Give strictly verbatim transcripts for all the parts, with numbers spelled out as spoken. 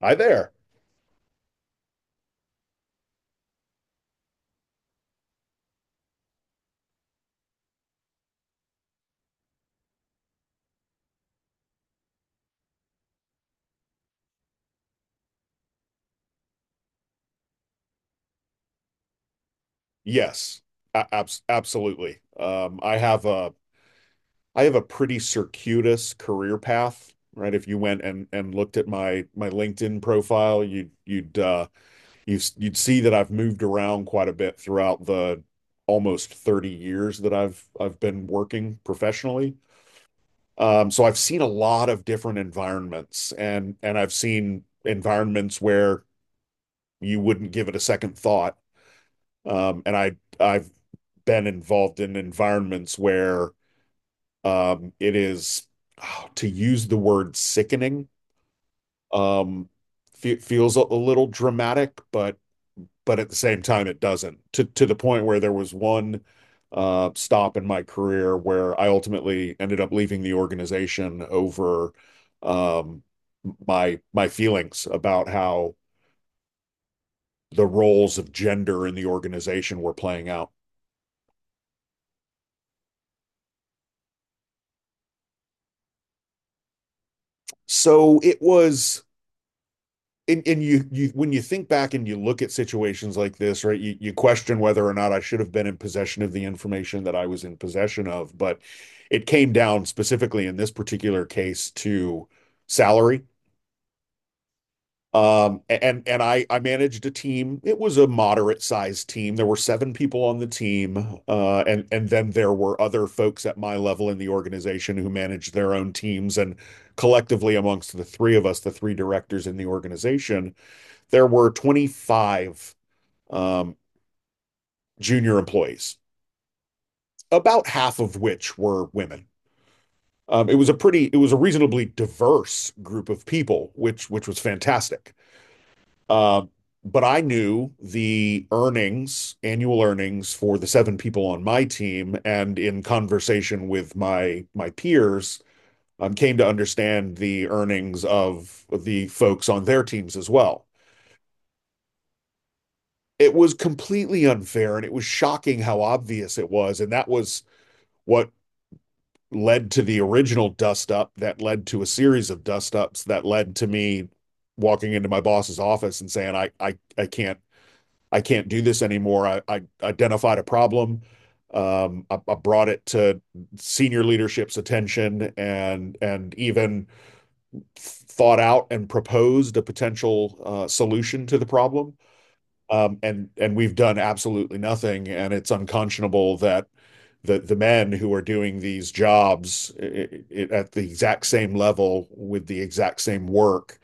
Hi there. Yes, a- abs absolutely. Um, I have a I have a pretty circuitous career path, right? If you went and and looked at my my LinkedIn profile, you'd you'd uh, you you'd see that I've moved around quite a bit throughout the almost thirty years that I've I've been working professionally. Um, so I've seen a lot of different environments, and and I've seen environments where you wouldn't give it a second thought. Um, and I I've been involved in environments where, um, it is, oh, to use the word, sickening. Um, fe feels a a little dramatic, but but at the same time it doesn't. To to the point where there was one uh, stop in my career where I ultimately ended up leaving the organization over, um, my my feelings about how the roles of gender in the organization were playing out. So it was, and, and you you when you think back and you look at situations like this, right, you, you question whether or not I should have been in possession of the information that I was in possession of. But it came down specifically in this particular case to salary. Um and and i i managed a team. It was a moderate sized team. There were seven people on the team. Uh and and Then there were other folks at my level in the organization who managed their own teams, and collectively amongst the three of us, the three directors in the organization, there were twenty-five um, junior employees, about half of which were women. Um, it was a pretty, it was a reasonably diverse group of people, which which was fantastic. Um, but I knew the earnings, annual earnings for the seven people on my team, and in conversation with my my peers, um, came to understand the earnings of the folks on their teams as well. It was completely unfair, and it was shocking how obvious it was. And that was what led to the original dust up that led to a series of dust ups that led to me walking into my boss's office and saying, I, I, I can't, I can't do this anymore. I, I identified a problem. Um, I, I brought it to senior leadership's attention, and, and even thought out and proposed a potential uh, solution to the problem, um, and and we've done absolutely nothing. And it's unconscionable that the the men who are doing these jobs, I I at the exact same level with the exact same work,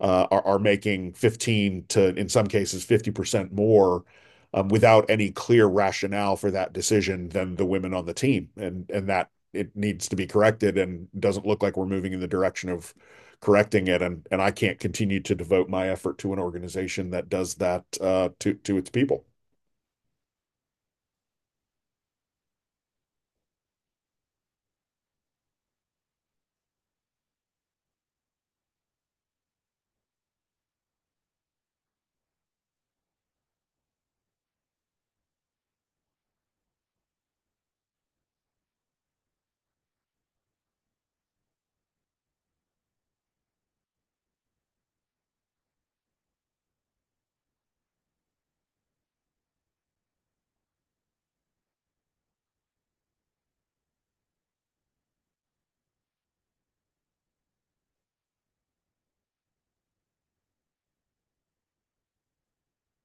uh, are, are making fifteen to, in some cases, fifty percent more, um, without any clear rationale for that decision, than the women on the team. And, and that it needs to be corrected, and doesn't look like we're moving in the direction of correcting it. And, and I can't continue to devote my effort to an organization that does that, uh, to, to its people.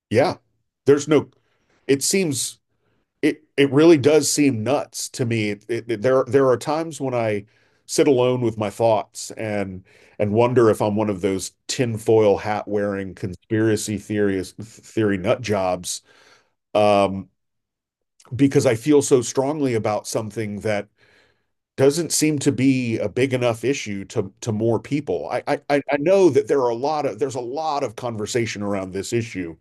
Yeah, there's no, it seems. It it really does seem nuts to me. It, it, there there are times when I sit alone with my thoughts and and wonder if I'm one of those tinfoil hat wearing conspiracy theorist theory nut jobs, um, because I feel so strongly about something that doesn't seem to be a big enough issue to to more people. I I, I I know that there are a lot of there's a lot of conversation around this issue,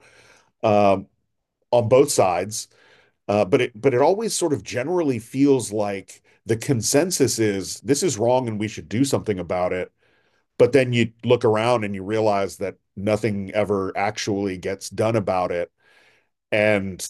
um, on both sides. Uh, but it but it always sort of generally feels like the consensus is this is wrong and we should do something about it. But then you look around and you realize that nothing ever actually gets done about it. And,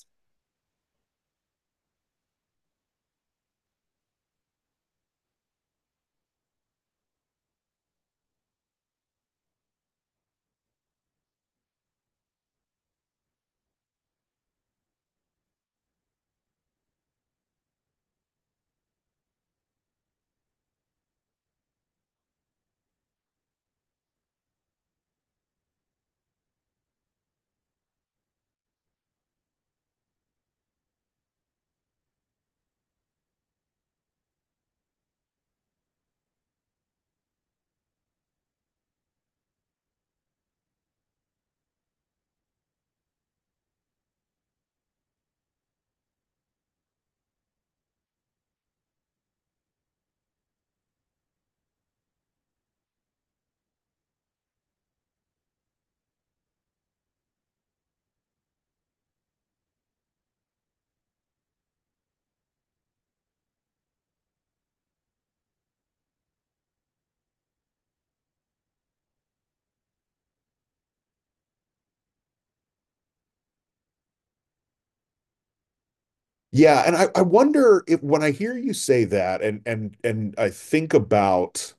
yeah, and I, I wonder if, when I hear you say that, and and and I think about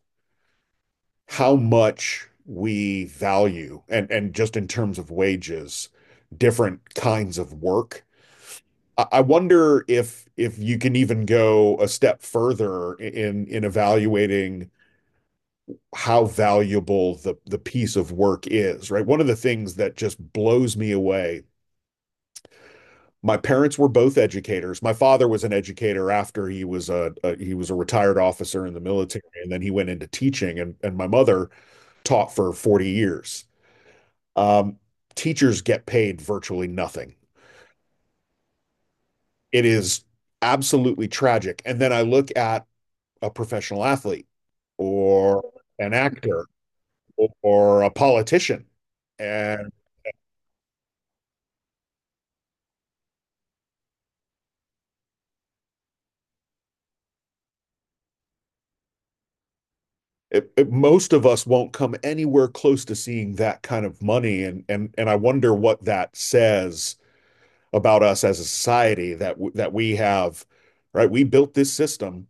how much we value, and and just in terms of wages, different kinds of work, I wonder if if you can even go a step further in in evaluating how valuable the the piece of work is, right? One of the things that just blows me away. My parents were both educators. My father was an educator after he was a, a he was a retired officer in the military, and then he went into teaching. and And my mother taught for forty years. Um, Teachers get paid virtually nothing. It is absolutely tragic. And then I look at a professional athlete, or an actor, or a politician. And it, it, most of us won't come anywhere close to seeing that kind of money. And and and I wonder what that says about us as a society, that that we have, right? We built this system.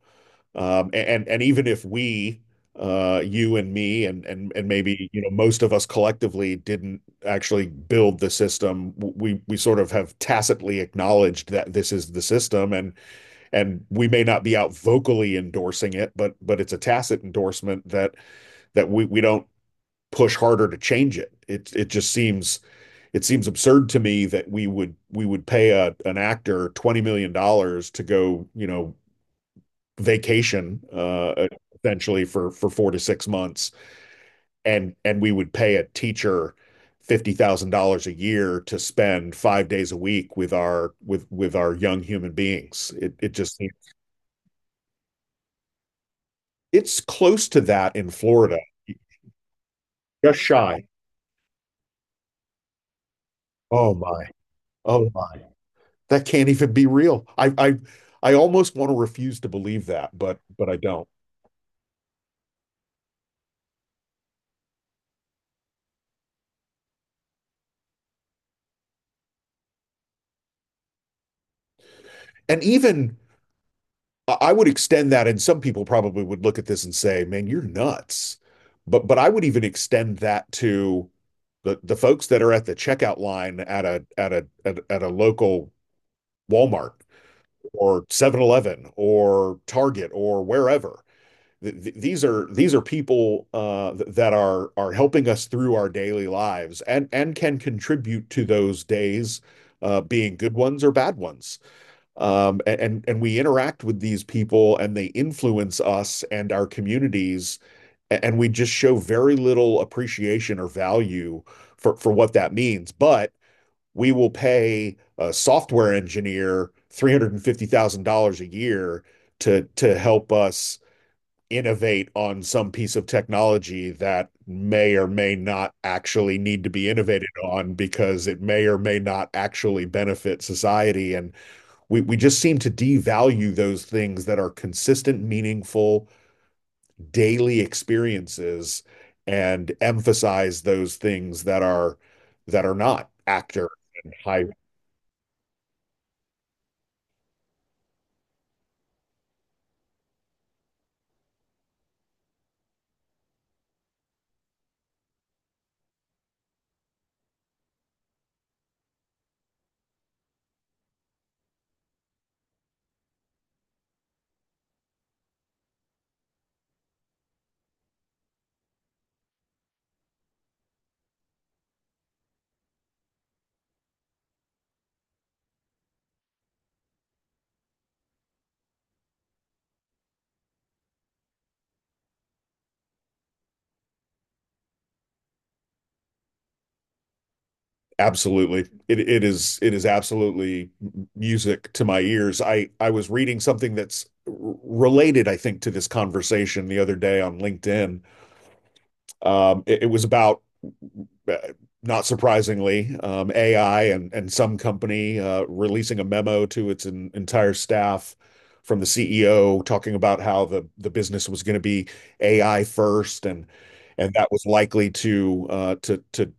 Um, and and Even if we, uh, you and me, and and and maybe, you know, most of us collectively didn't actually build the system, we we sort of have tacitly acknowledged that this is the system, and and we may not be out vocally endorsing it, but but it's a tacit endorsement that that we we don't push harder to change it. It it just seems it seems absurd to me that we would we would pay a an actor twenty million dollars to go, you know, vacation, uh, essentially for for four to six months, and and we would pay a teacher fifty thousand dollars a year to spend five days a week with our with with our young human beings. It it just it's close to that in Florida, just shy. Oh my, oh my, that can't even be real. I I I almost want to refuse to believe that, but but I don't. And even I would extend that, and some people probably would look at this and say, "Man, you're nuts." But but I would even extend that to the the folks that are at the checkout line at a at a at, at a local Walmart, or Seven Eleven, or Target, or wherever. these are these are people, uh, that are are helping us through our daily lives, and and can contribute to those days, uh, being good ones or bad ones, um, and and we interact with these people, and they influence us and our communities. And we just show very little appreciation or value for for what that means. But we will pay a software engineer three hundred fifty thousand dollars a year to to help us innovate on some piece of technology that may or may not actually need to be innovated on, because it may or may not actually benefit society. And we we just seem to devalue those things that are consistent, meaningful, daily experiences, and emphasize those things that are that are not actor and high. Absolutely. It it is it is absolutely music to my ears. I I was reading something that's related, I think, to this conversation the other day on LinkedIn. Um, it, it was about, uh, not surprisingly, um, A I, and, and some company, uh, releasing a memo to its en- entire staff from the C E O, talking about how the, the business was going to be A I first, and and that was likely to uh, to to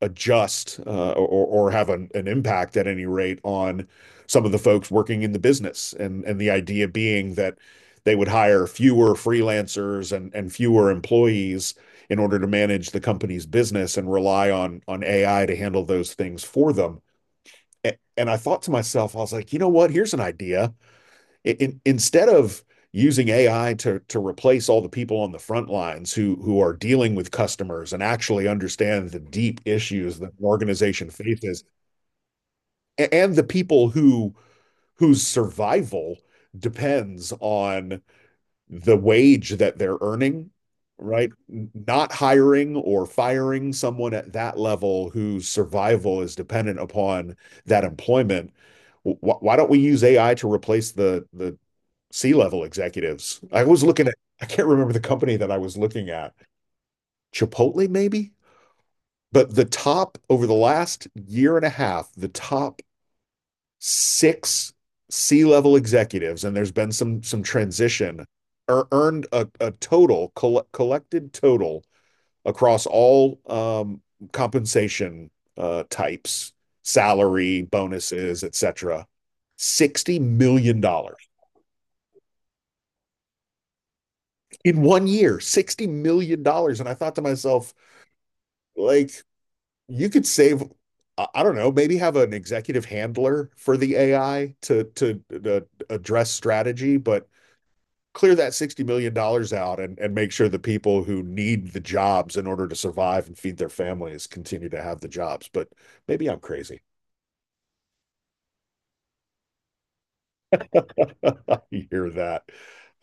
adjust, uh, or or have an, an impact at any rate on some of the folks working in the business. And and the idea being that they would hire fewer freelancers and and fewer employees in order to manage the company's business, and rely on on A I to handle those things for them. And I thought to myself, I was like, you know what? Here's an idea. In, instead of using A I to to replace all the people on the front lines, who who are dealing with customers and actually understand the deep issues that an organization faces, and the people who whose survival depends on the wage that they're earning, right? Not hiring or firing someone at that level whose survival is dependent upon that employment. Why don't we use A I to replace the the C-level executives? I was looking at, I can't remember the company that I was looking at, Chipotle maybe, but the top, over the last year and a half, the top six C-level executives, and there's been some some transition, er, earned a, a total coll collected total across all, um, compensation, uh, types, salary, bonuses, et cetera sixty million dollars. In one year, sixty million dollars. And I thought to myself, like, you could save, I don't know, maybe have an executive handler for the A I to to, to address strategy, but clear that sixty million dollars out, and, and make sure the people who need the jobs in order to survive and feed their families continue to have the jobs. But maybe I'm crazy. I hear that.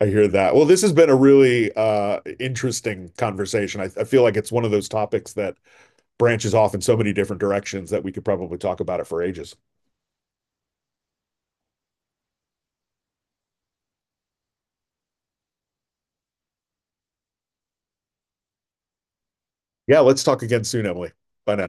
I hear that. Well, this has been a really uh, interesting conversation. I, I feel like it's one of those topics that branches off in so many different directions that we could probably talk about it for ages. Yeah, let's talk again soon, Emily. Bye now.